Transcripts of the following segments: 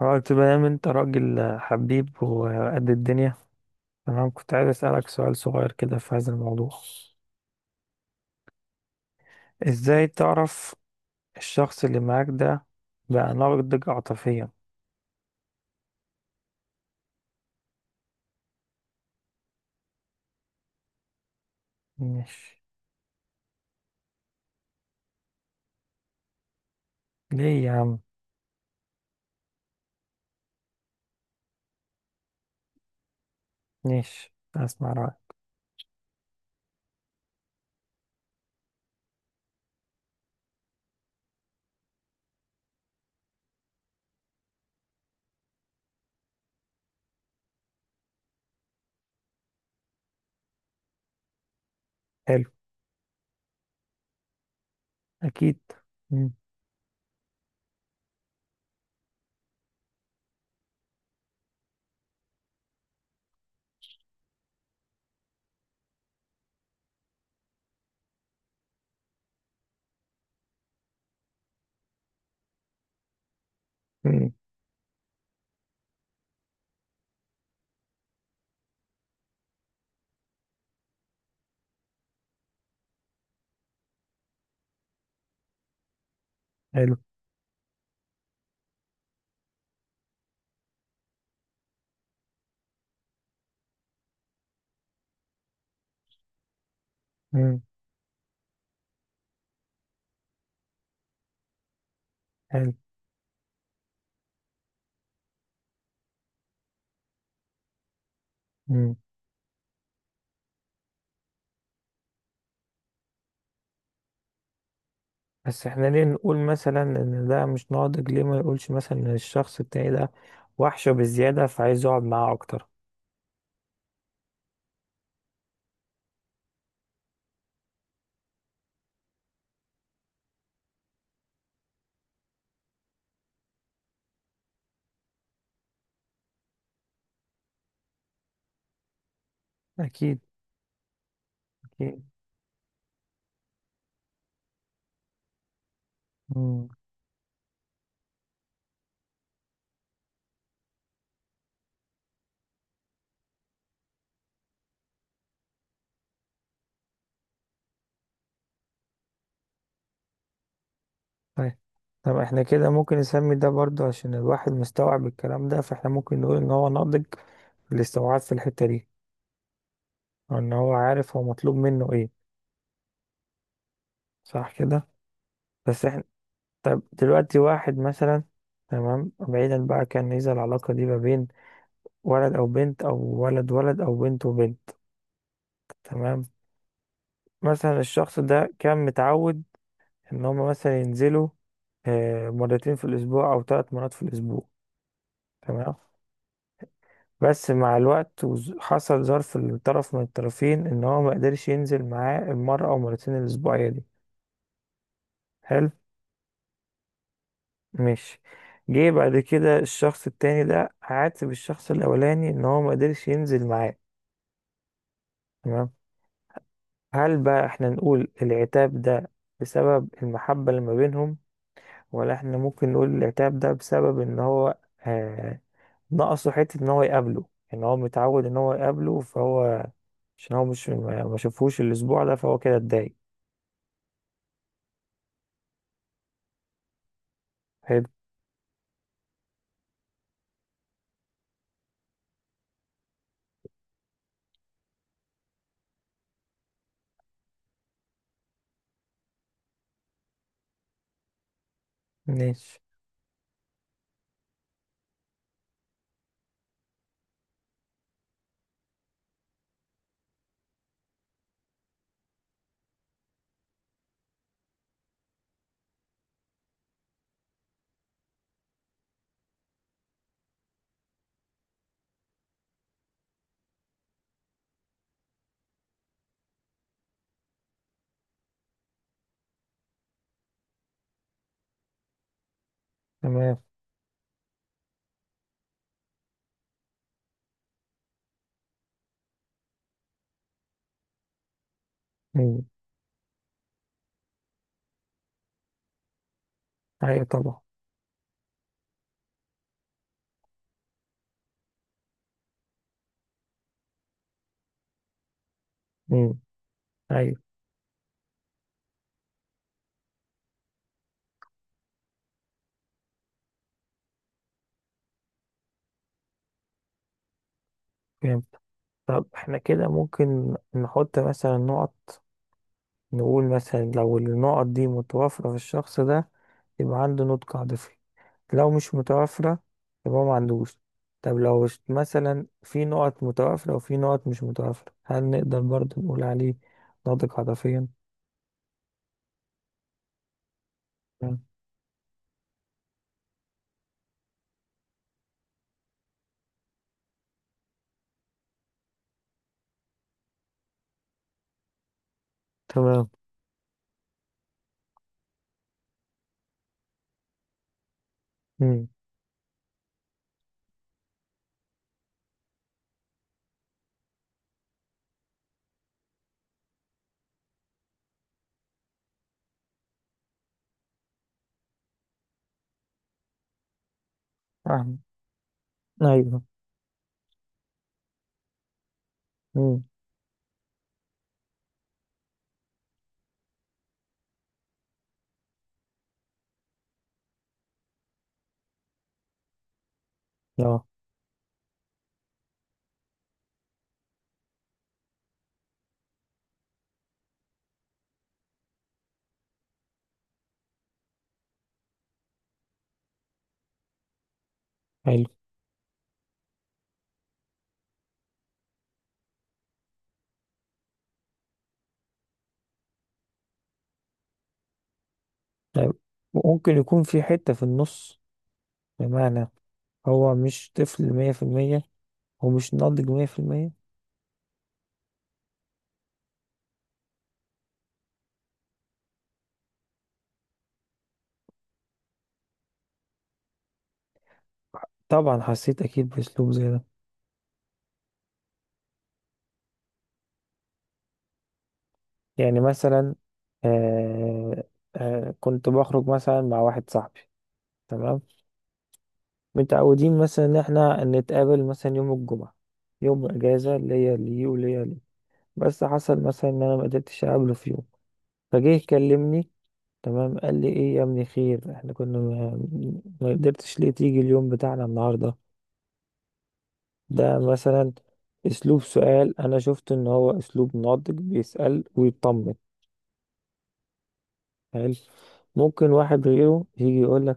اه، تمام انت راجل حبيب وقد الدنيا. تمام، كنت عايز اسألك سؤال صغير كده في هذا الموضوع. ازاي تعرف الشخص اللي معاك ده بقى ناضج عاطفيا؟ مش... ليه يا عم؟ مش، اسمع رأيك. حلو. اكيد. مم. مم. حلو. مم. حلو. بس احنا ليه نقول مثلا ان ده مش ناضج؟ ليه ما يقولش مثلا ان الشخص التاني ده وحشه بزيادة فعايز يقعد معاه اكتر؟ اكيد. اكيد. مم. طيب. طب احنا كده ممكن نسمي ده برضه، عشان الواحد مستوعب الكلام ده، فاحنا ممكن نقول ان هو ناضج في الاستوعاب في الحتة دي، او ان هو عارف هو مطلوب منه ايه. صح كده؟ بس احنا... طب دلوقتي واحد مثلا... تمام، بعيدا بقى، كان إذا العلاقة دي ما بين ولد أو بنت أو ولد ولد أو بنت وبنت. تمام. مثلا الشخص ده كان متعود إن هما مثلا ينزلوا مرتين في الأسبوع أو 3 مرات في الأسبوع. تمام. بس مع الوقت حصل ظرف لطرف من الطرفين إن هو ما قدرش ينزل معاه المرة أو مرتين الأسبوعية دي. حلو. ماشي. جه بعد كده الشخص التاني ده عاتب الشخص الأولاني إن هو ما قدرش ينزل معاه. تمام، هل بقى احنا نقول العتاب ده بسبب المحبة اللي ما بينهم، ولا احنا ممكن نقول العتاب ده بسبب ان هو آه ناقصه حتة ان هو يقابله، ان هو متعود ان هو يقابله، فهو عشان هو مش ما شافهوش الاسبوع ده فهو كده اتضايق. حلو. ماشي. تمام. مم. ايوه طبعا. مم. ايوه. فهمت. طب احنا كده ممكن نحط مثلا نقط، نقول مثلا لو النقط دي متوافرة في الشخص ده يبقى عنده نضج عاطفي، لو مش متوافرة يبقى ما عندوش. طب لو مثلا في نقط متوافرة وفي نقط مش متوافرة، هل نقدر برضه نقول عليه ناضج عاطفيا؟ تمام. امم. فاهم. ايوه. امم. اه. حلو. طيب، ممكن يكون في حتة في النص، بمعنى هو مش طفل 100% ومش ناضج 100%. طبعا حسيت أكيد بأسلوب زي ده. يعني مثلا آه كنت بخرج مثلا مع واحد صاحبي. تمام، متعودين مثلا ان احنا نتقابل مثلا يوم الجمعة، يوم اجازة ليا ليه وليا ليه. بس حصل مثلا ان انا ما قدرتش اقابله في يوم، فجه يكلمني. تمام، قال لي ايه يا ابني، خير، احنا كنا ما قدرتش ليه تيجي اليوم بتاعنا النهاردة؟ ده مثلا اسلوب سؤال، انا شفت ان هو اسلوب ناضج، بيسأل ويطمن. حلو. ممكن واحد غيره يجي يقول: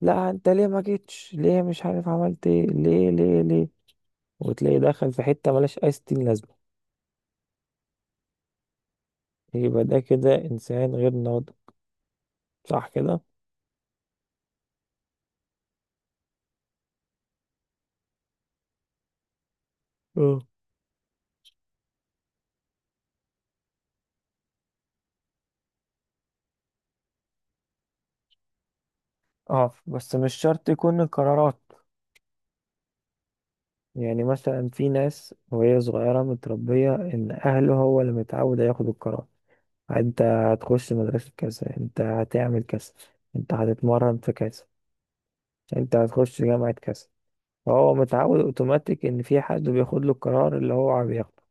لا انت ليه ما جيتش، ليه مش عارف عملت ايه، ليه ليه ليه، وتلاقي دخل في حتة ملهاش اي ستين لازمة. يبقى ده كده انسان غير ناضج، صح كده؟ اه. اه. بس مش شرط يكون القرارات. يعني مثلا في ناس وهي صغيرة متربية ان اهله هو اللي متعود ياخد القرار: انت هتخش مدرسة كذا، انت هتعمل كذا، انت هتتمرن في كذا، انت هتخش جامعة كذا. فهو متعود اوتوماتيك ان في حد بياخد له القرار اللي هو بياخده.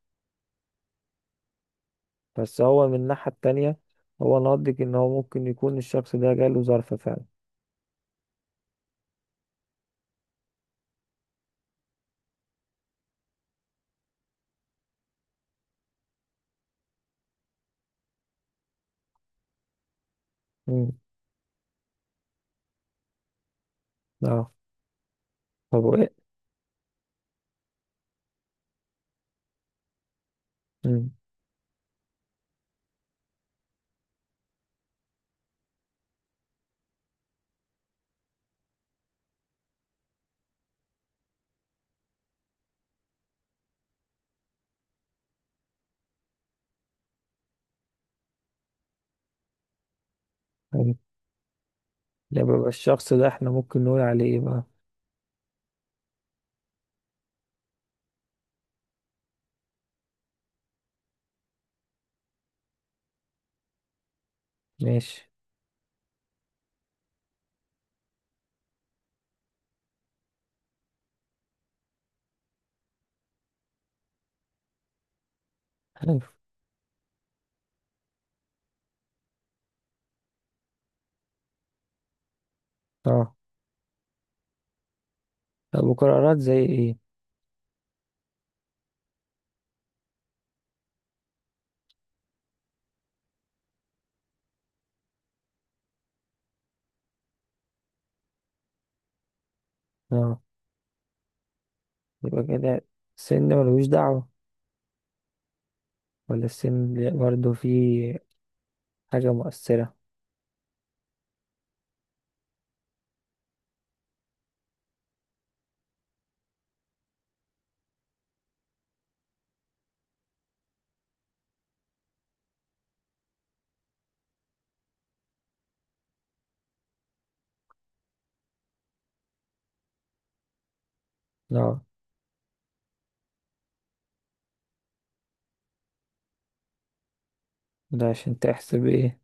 بس هو من الناحية التانية، هو نضج ان هو ممكن يكون الشخص ده جاله ظرف فعلا. مم. اه. طب وايه؟ مم. حلو. يبقى الشخص ده احنا ممكن نقول عليه ايه بقى؟ ماشي. حلو. اه. طب وقرارات زي ايه؟ اه. يبقى كده السن ملوش دعوة، ولا السن ليه برضه فيه حاجة مؤثرة؟ اه. ده عشان تحسب ايه؟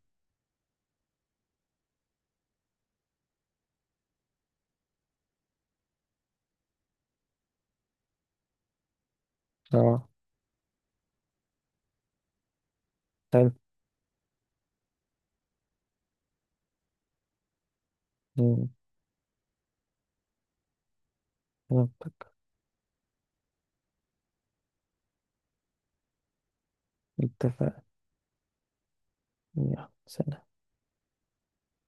اه. حلو. مم. منطق. اتفق. يلا، سلام.